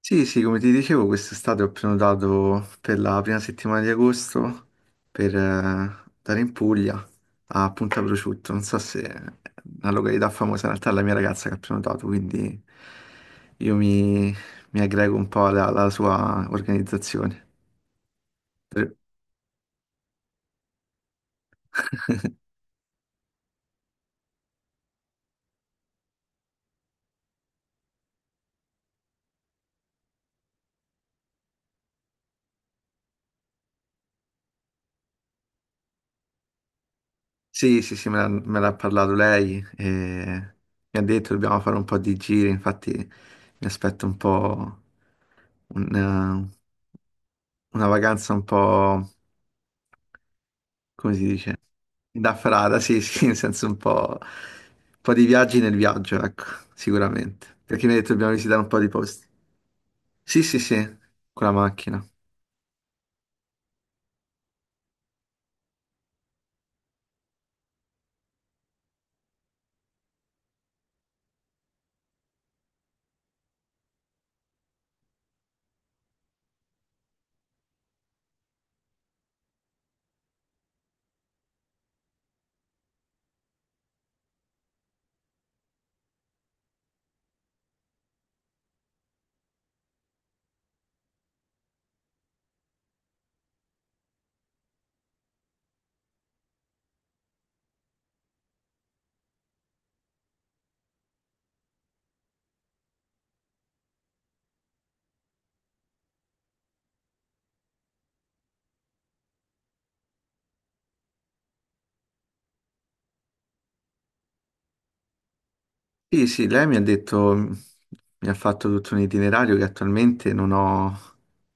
Sì, sì, come ti dicevo, quest'estate ho prenotato per la prima settimana di agosto per andare in Puglia a Punta Prosciutto. Non so se è una località famosa, in realtà è la mia ragazza che ha prenotato, quindi io mi, mi aggrego un po' alla sua organizzazione. Tre- Sì, sì, sì, me l'ha parlato lei e mi ha detto dobbiamo fare un po' di giri, infatti mi aspetto un po' un, eh, una vacanza un po'. Come si dice? Da frada, sì, sì, nel senso un po' di viaggi nel viaggio, ecco, sicuramente. Perché mi hai detto dobbiamo visitare un po' di posti. Sì, sì, sì, con la macchina. Sì, sì, lei mi ha detto, mi ha fatto tutto un itinerario che attualmente non ho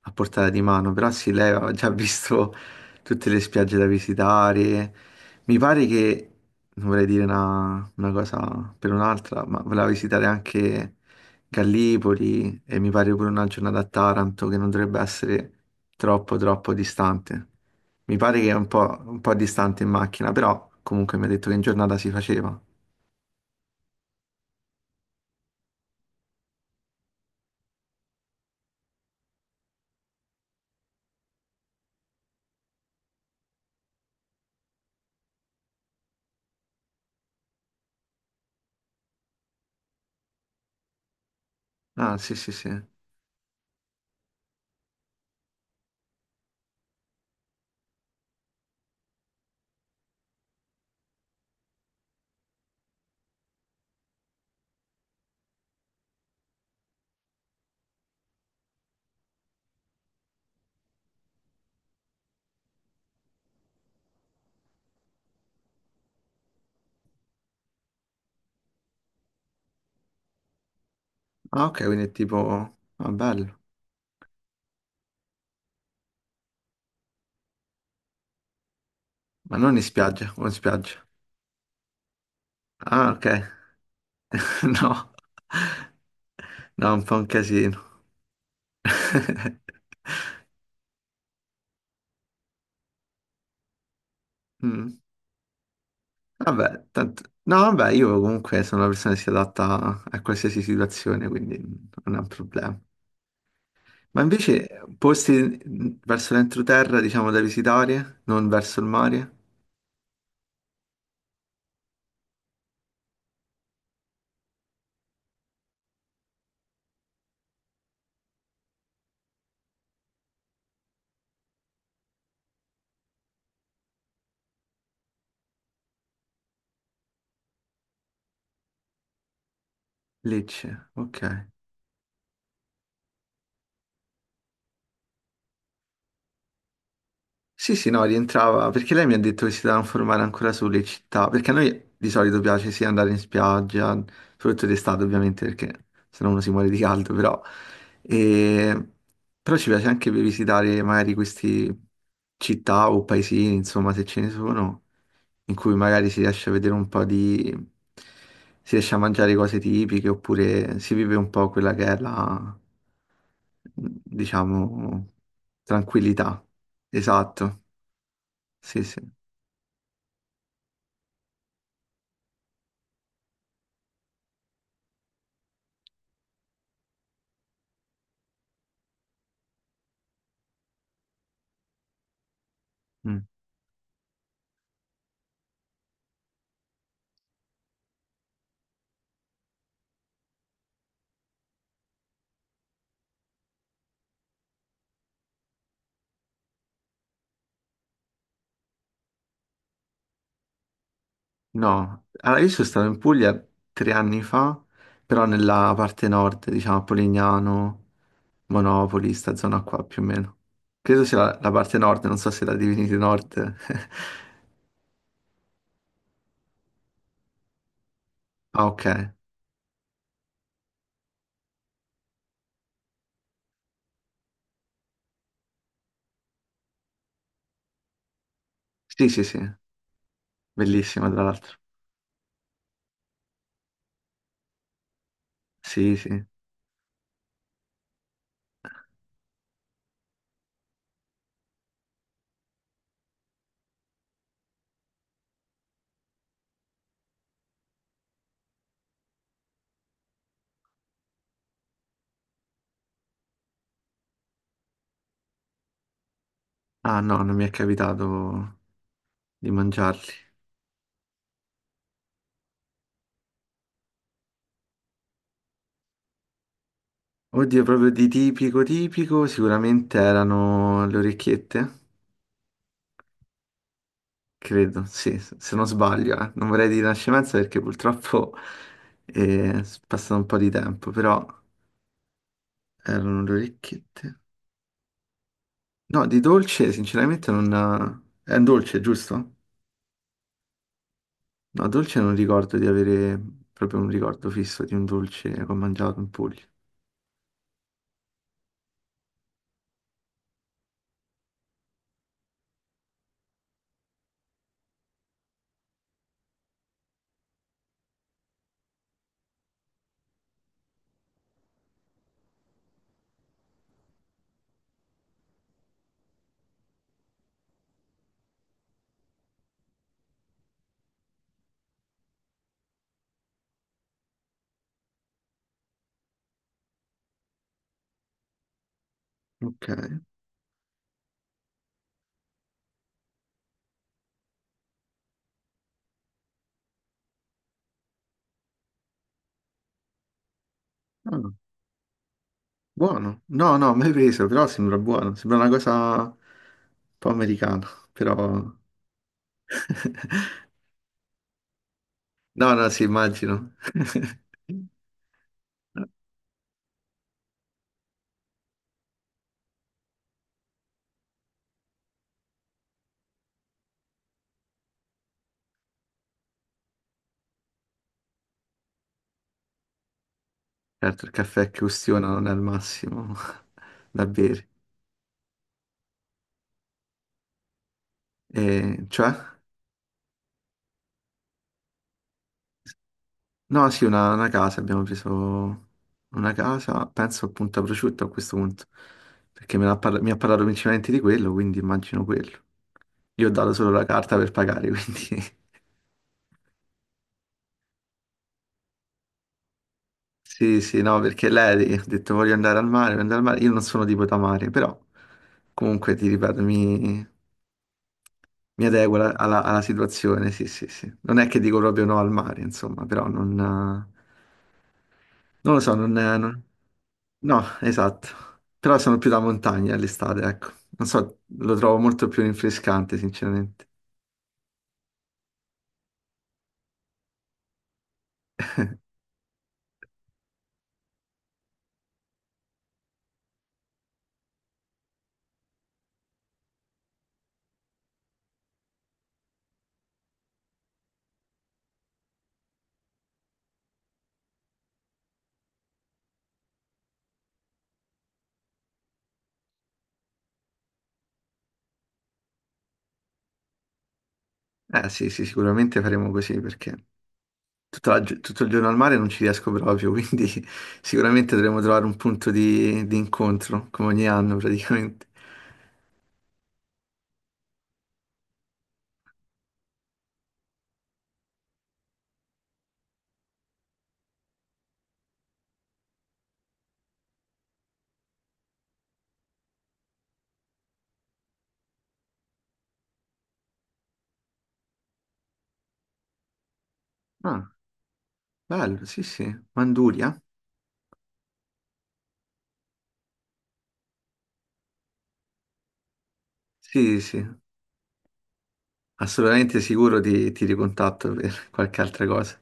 a portata di mano, però sì, lei aveva già visto tutte le spiagge da visitare. Mi pare che, non vorrei dire una cosa per un'altra, ma voleva visitare anche Gallipoli e mi pare pure una giornata a Taranto che non dovrebbe essere troppo distante. Mi pare che è un po' distante in macchina, però comunque mi ha detto che in giornata si faceva. Ah, sì, sì, sì. Ah, ok, quindi è tipo... Ah, bello. Ma non in spiaggia, o in spiaggia. Ah, ok. No. No, è un po' un casino. Mm. Vabbè, tanto... No, vabbè, io comunque sono una persona che si adatta a qualsiasi situazione, quindi non è un problema. Ma invece posti verso l'entroterra, diciamo, da visitare, non verso il mare? Lecce, ok. Sì, sì, no, rientrava perché lei mi ha detto che si doveva informare ancora sulle città, perché a noi di solito piace sì andare in spiaggia, soprattutto d'estate ovviamente, perché sennò uno si muore di caldo, però, e- però ci piace anche per visitare magari queste città o paesini, insomma, se ce ne sono, in cui magari si riesce a vedere un po' di si riesce a mangiare cose tipiche oppure si vive un po' quella che è la, diciamo, tranquillità. Esatto, sì, sì. Mm. No, allora io sono stato in Puglia 3 anni fa, però nella parte nord, diciamo, a Polignano, Monopoli, sta zona qua più o meno. Credo sia la parte nord, non so se la divinity nord. Ah, ok. Sì, sì, sì, bellissima tra l'altro. Sì, sì. Ah no, non mi è capitato di mangiarli. Oddio, proprio di tipico tipico, sicuramente erano le orecchiette, credo, sì, se non sbaglio, eh. Non vorrei dire nascimenza perché purtroppo è passato un po' di tempo, però erano le orecchiette. No, di dolce sinceramente non... È un dolce, giusto? No, dolce non ricordo di avere proprio un ricordo fisso di un dolce che ho mangiato in Puglia. Ok. Ah. Buono. No, no, mai preso, però sembra buono. Sembra una cosa un po' americana, però... No, no, sì, immagino. Certo, il caffè che ustiona non è il massimo da bere. E, cioè? No, sì, una casa, abbiamo preso una casa, penso appunto a prosciutto a questo punto, perché mi ha parlato principalmente di quello, quindi immagino quello. Io ho dato solo la carta per pagare, quindi... Sì, sì, no, perché lei ha detto voglio andare al mare, voglio andare al mare. Io non sono tipo da mare, però comunque ti ripeto, mi adeguo alla situazione, sì, sì, sì. Non è che dico proprio no al mare, insomma, però non lo so, No, esatto. Però sono più da montagna all'estate, ecco. Non so, lo trovo molto più rinfrescante, sinceramente. Eh sì, sì, sicuramente faremo così perché tutto il giorno al mare non ci riesco proprio, quindi sicuramente dovremo trovare un punto di incontro, come ogni anno praticamente. Ah, bello, sì, sì. Manduria? Sì, sì, sì. Assolutamente sicuro ti ricontatto per qualche altra cosa.